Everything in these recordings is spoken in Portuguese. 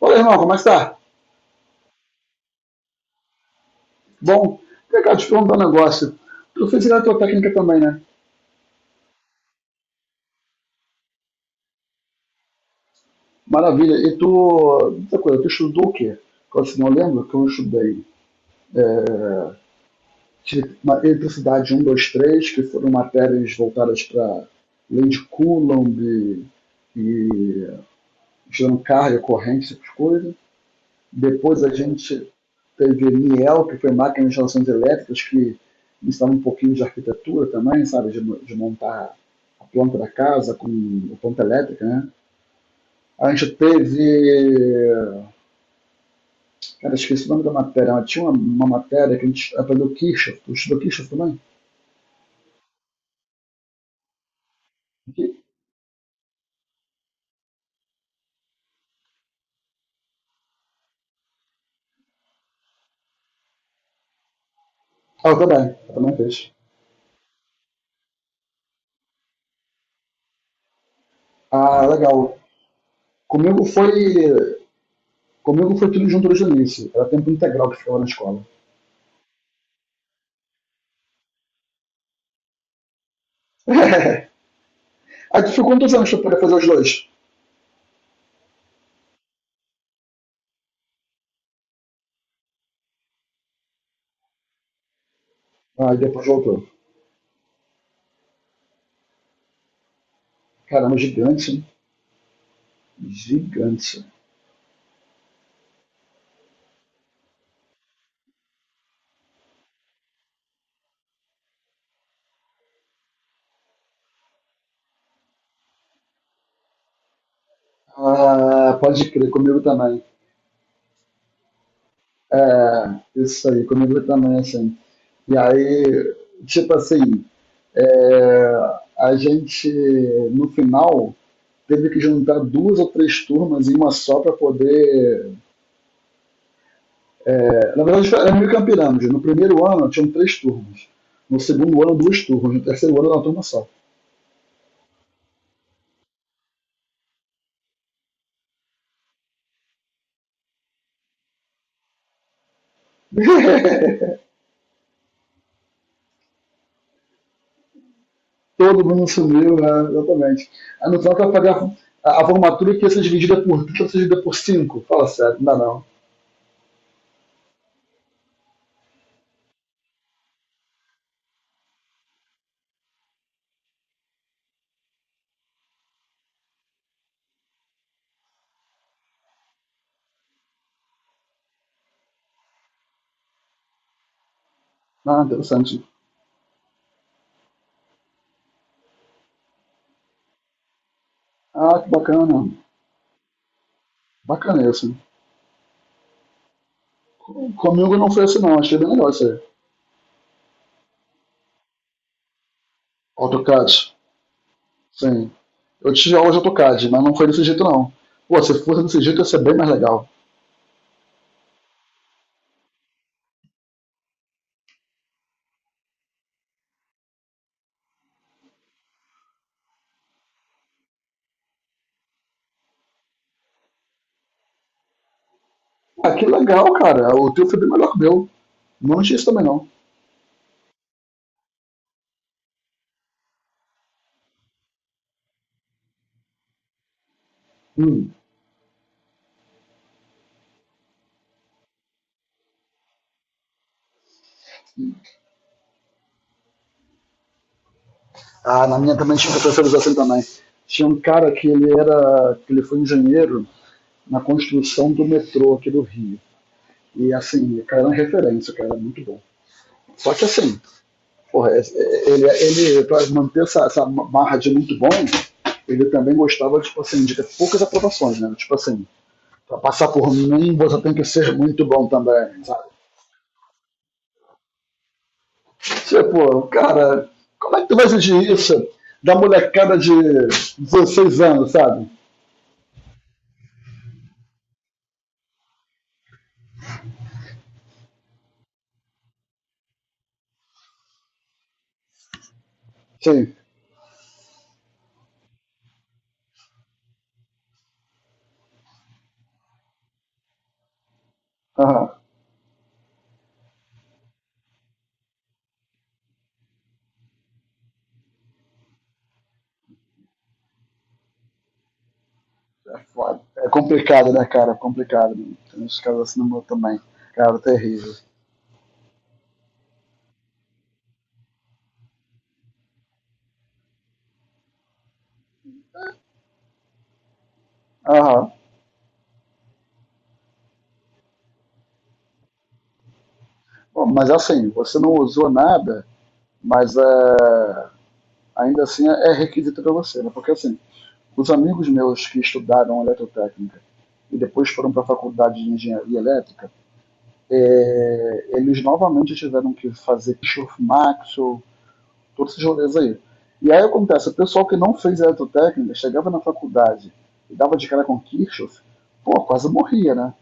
Olha, irmão, como é que tá? Bom, vem cá, te perguntar um negócio. Tu fez a tua técnica também, né? Maravilha. E tu, outra coisa, tu estudou o quê? Eu, assim, não lembro que eu estudei tive uma eletricidade um, 2, 3, que foram matérias voltadas para lei de Coulomb e gerando carga, corrente, essas coisas. Depois a gente teve Niel, que foi máquina de instalações elétricas, que instala um pouquinho de arquitetura também, sabe, de montar a planta da casa com a planta elétrica, né? A gente teve. Cara, esqueci o nome da matéria, mas tinha uma matéria que a gente aprendeu Kirchhoff. Tu estudou Kirchhoff também? Ah, eu também fez. Ah, legal. Comigo foi. Comigo foi tudo junto desde o início. Era tempo integral que ficava na escola. Aí tu ficou quantos anos pra poder fazer os dois? Aí depois voltou. Caramba, gigante, né? Gigante. Ah, pode crer, comigo também. É, isso aí, comigo também, assim. E aí, tipo assim, é, a gente, no final, teve que juntar duas ou três turmas em uma só para poder. É, na verdade, era meio que uma pirâmide. No primeiro ano, tinham três turmas. No segundo ano, duas turmas. No terceiro ano, era uma turma só. Todo mundo sumiu, né? Exatamente. A no final, tu vai pagar a formatura que ia ser dividida por 3, dividida por 5. Fala sério, não dá não. Ah, interessante. Ah, que bacana. Bacana isso. Comigo não foi assim, não. Achei bem legal isso aí. AutoCAD. Sim. Eu tive aula de AutoCAD, mas não foi desse jeito, não. Pô, se fosse desse jeito, ia ser bem mais legal. Ah, que legal, cara. O teu foi bem melhor que o meu. Não tinha isso também, não. Hum. Ah, na minha também tinha professores assim também. Tinha um cara que ele era. Que ele foi engenheiro, na construção do metrô aqui do Rio. E assim, o cara era uma referência, o cara era muito bom. Só que assim, porra, ele para manter essa marra de muito bom, ele também gostava tipo assim, de ter poucas aprovações, né? Tipo assim, para passar por mim você tem que ser muito bom também, sabe? Você, pô cara, como é que tu vai exigir isso da molecada de 16 anos, sabe? Sim, aham. É foda. É complicado, né, cara? É complicado. Né? Tem uns caras assim no meu também. Cara, terrível. Aham. Bom, mas assim, você não usou nada, mas é, ainda assim é requisito para você, né? Porque assim, os amigos meus que estudaram eletrotécnica e depois foram para a faculdade de engenharia elétrica, é, eles novamente tiveram que fazer Kirchhoff Maxwell, todos esses rolês aí. E aí acontece, o pessoal que não fez eletrotécnica chegava na faculdade e dava de cara com Kirchhoff, pô, quase morria, né?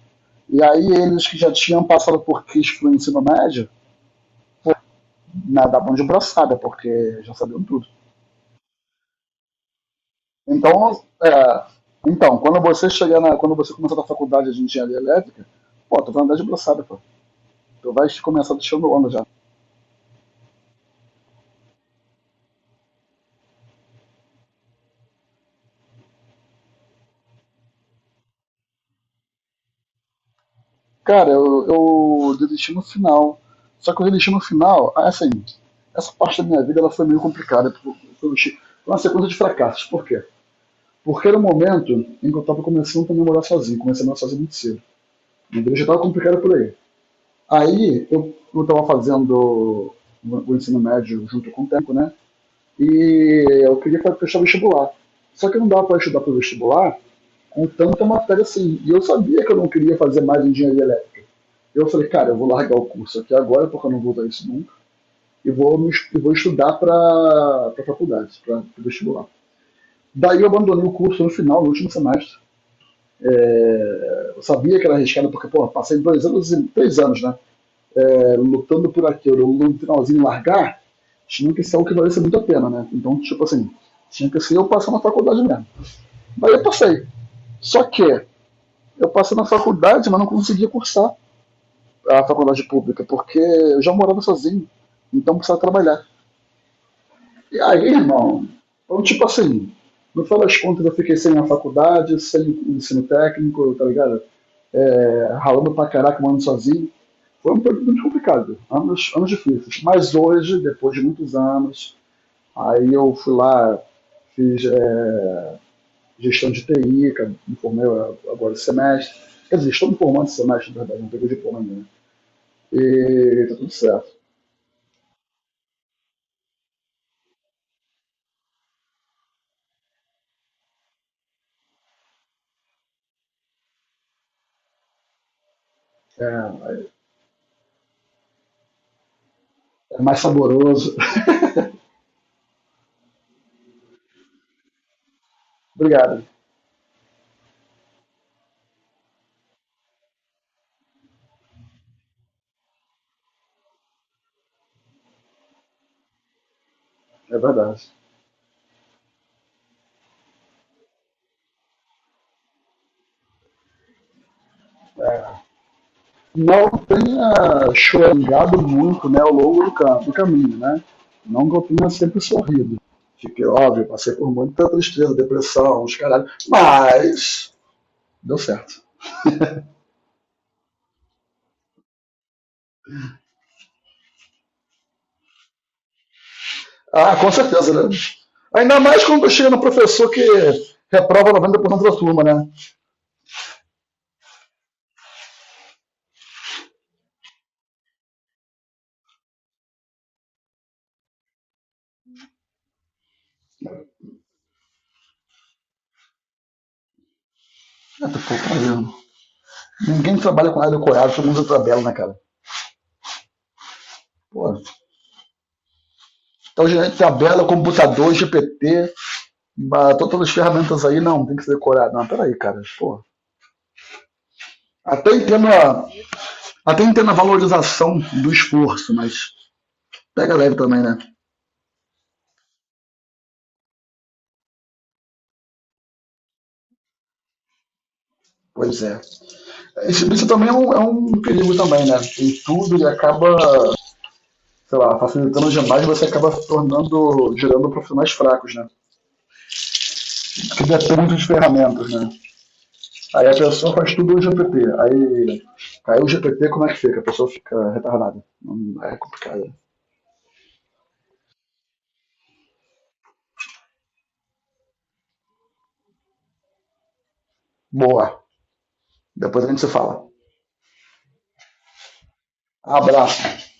E aí eles que já tinham passado por Kirchhoff no ensino médio, na, da mão de braçada, porque já sabiam tudo. Então, é, então quando você chegar na, quando você começar na faculdade de engenharia elétrica, pô, tu vai andar de braçada, pô. Tu vai começar deixando onda já. Cara, eu desisti no final. Só que eu desisti no final, assim, essa parte da minha vida ela foi meio complicada. Foi uma sequência de fracassos. Por quê? Porque era o um momento em que eu estava começando a namorar sozinho, comecei a namorar sozinho muito cedo. Então já estava complicado por aí. Aí eu estava fazendo o ensino médio junto com o tempo, né? E eu queria prestar vestibular. Só que não dava para estudar para o vestibular com tanta matéria assim. E eu sabia que eu não queria fazer mais engenharia elétrica. Eu falei, cara, eu vou largar o curso aqui agora, porque eu não vou usar isso nunca, e vou estudar para a faculdade, para o vestibular. Daí eu abandonei o curso no final, no último semestre. É, eu sabia que era arriscado, porque, pô, passei 2 anos, 3 anos, né? Então, lutando por aquilo, ou no finalzinho largar, tinha que ser algo que valesse muito a pena, né? Então, tipo assim, tinha que ser eu passar na faculdade mesmo. Mas eu passei. Só que eu passei na faculdade, mas não conseguia cursar a faculdade pública, porque eu já morava sozinho, então precisava trabalhar. E aí, irmão, então, tipo assim, no final das contas eu fiquei sem a faculdade, sem o ensino técnico, tá ligado? É, ralando pra caraca, morando sozinho. Foi um período muito complicado, anos, anos difíceis. Mas hoje, depois de muitos anos, aí eu fui lá, fiz gestão de TI, que eu me formei agora esse semestre. Quer dizer, estou me formando esse semestre, na verdade, não peguei diploma ainda. Né? E tá tudo certo. É, é mais saboroso. Obrigado, é verdade. Não tenha choringado muito né, ao longo do caminho, né? Não que eu tenha sempre sorrido. Fiquei óbvio, passei por muita tristeza, depressão, os caralhos, mas deu certo. Ah, com certeza, né? Ainda mais quando chega no professor que reprova 90% da turma, né? Ninguém trabalha com nada decorado, todo mundo usa tabela, né, cara? Pô, então, gente, tabela, computador, GPT, todas as ferramentas aí, não, tem que ser decorado. Não, peraí, cara, pô. Até entendo, a, até entendo a valorização do esforço, mas pega leve também, né? Pois é. Esse bicho também é um perigo também, né? Tem tudo e acaba sei lá, facilitando demais, você acaba se tornando, gerando profissionais fracos, né? Que dependem de ferramentas, né? Aí a pessoa faz tudo no GPT. Aí caiu o GPT, como é que fica? A pessoa fica retardada. É complicado. Boa. Depois a gente se fala. Abraço.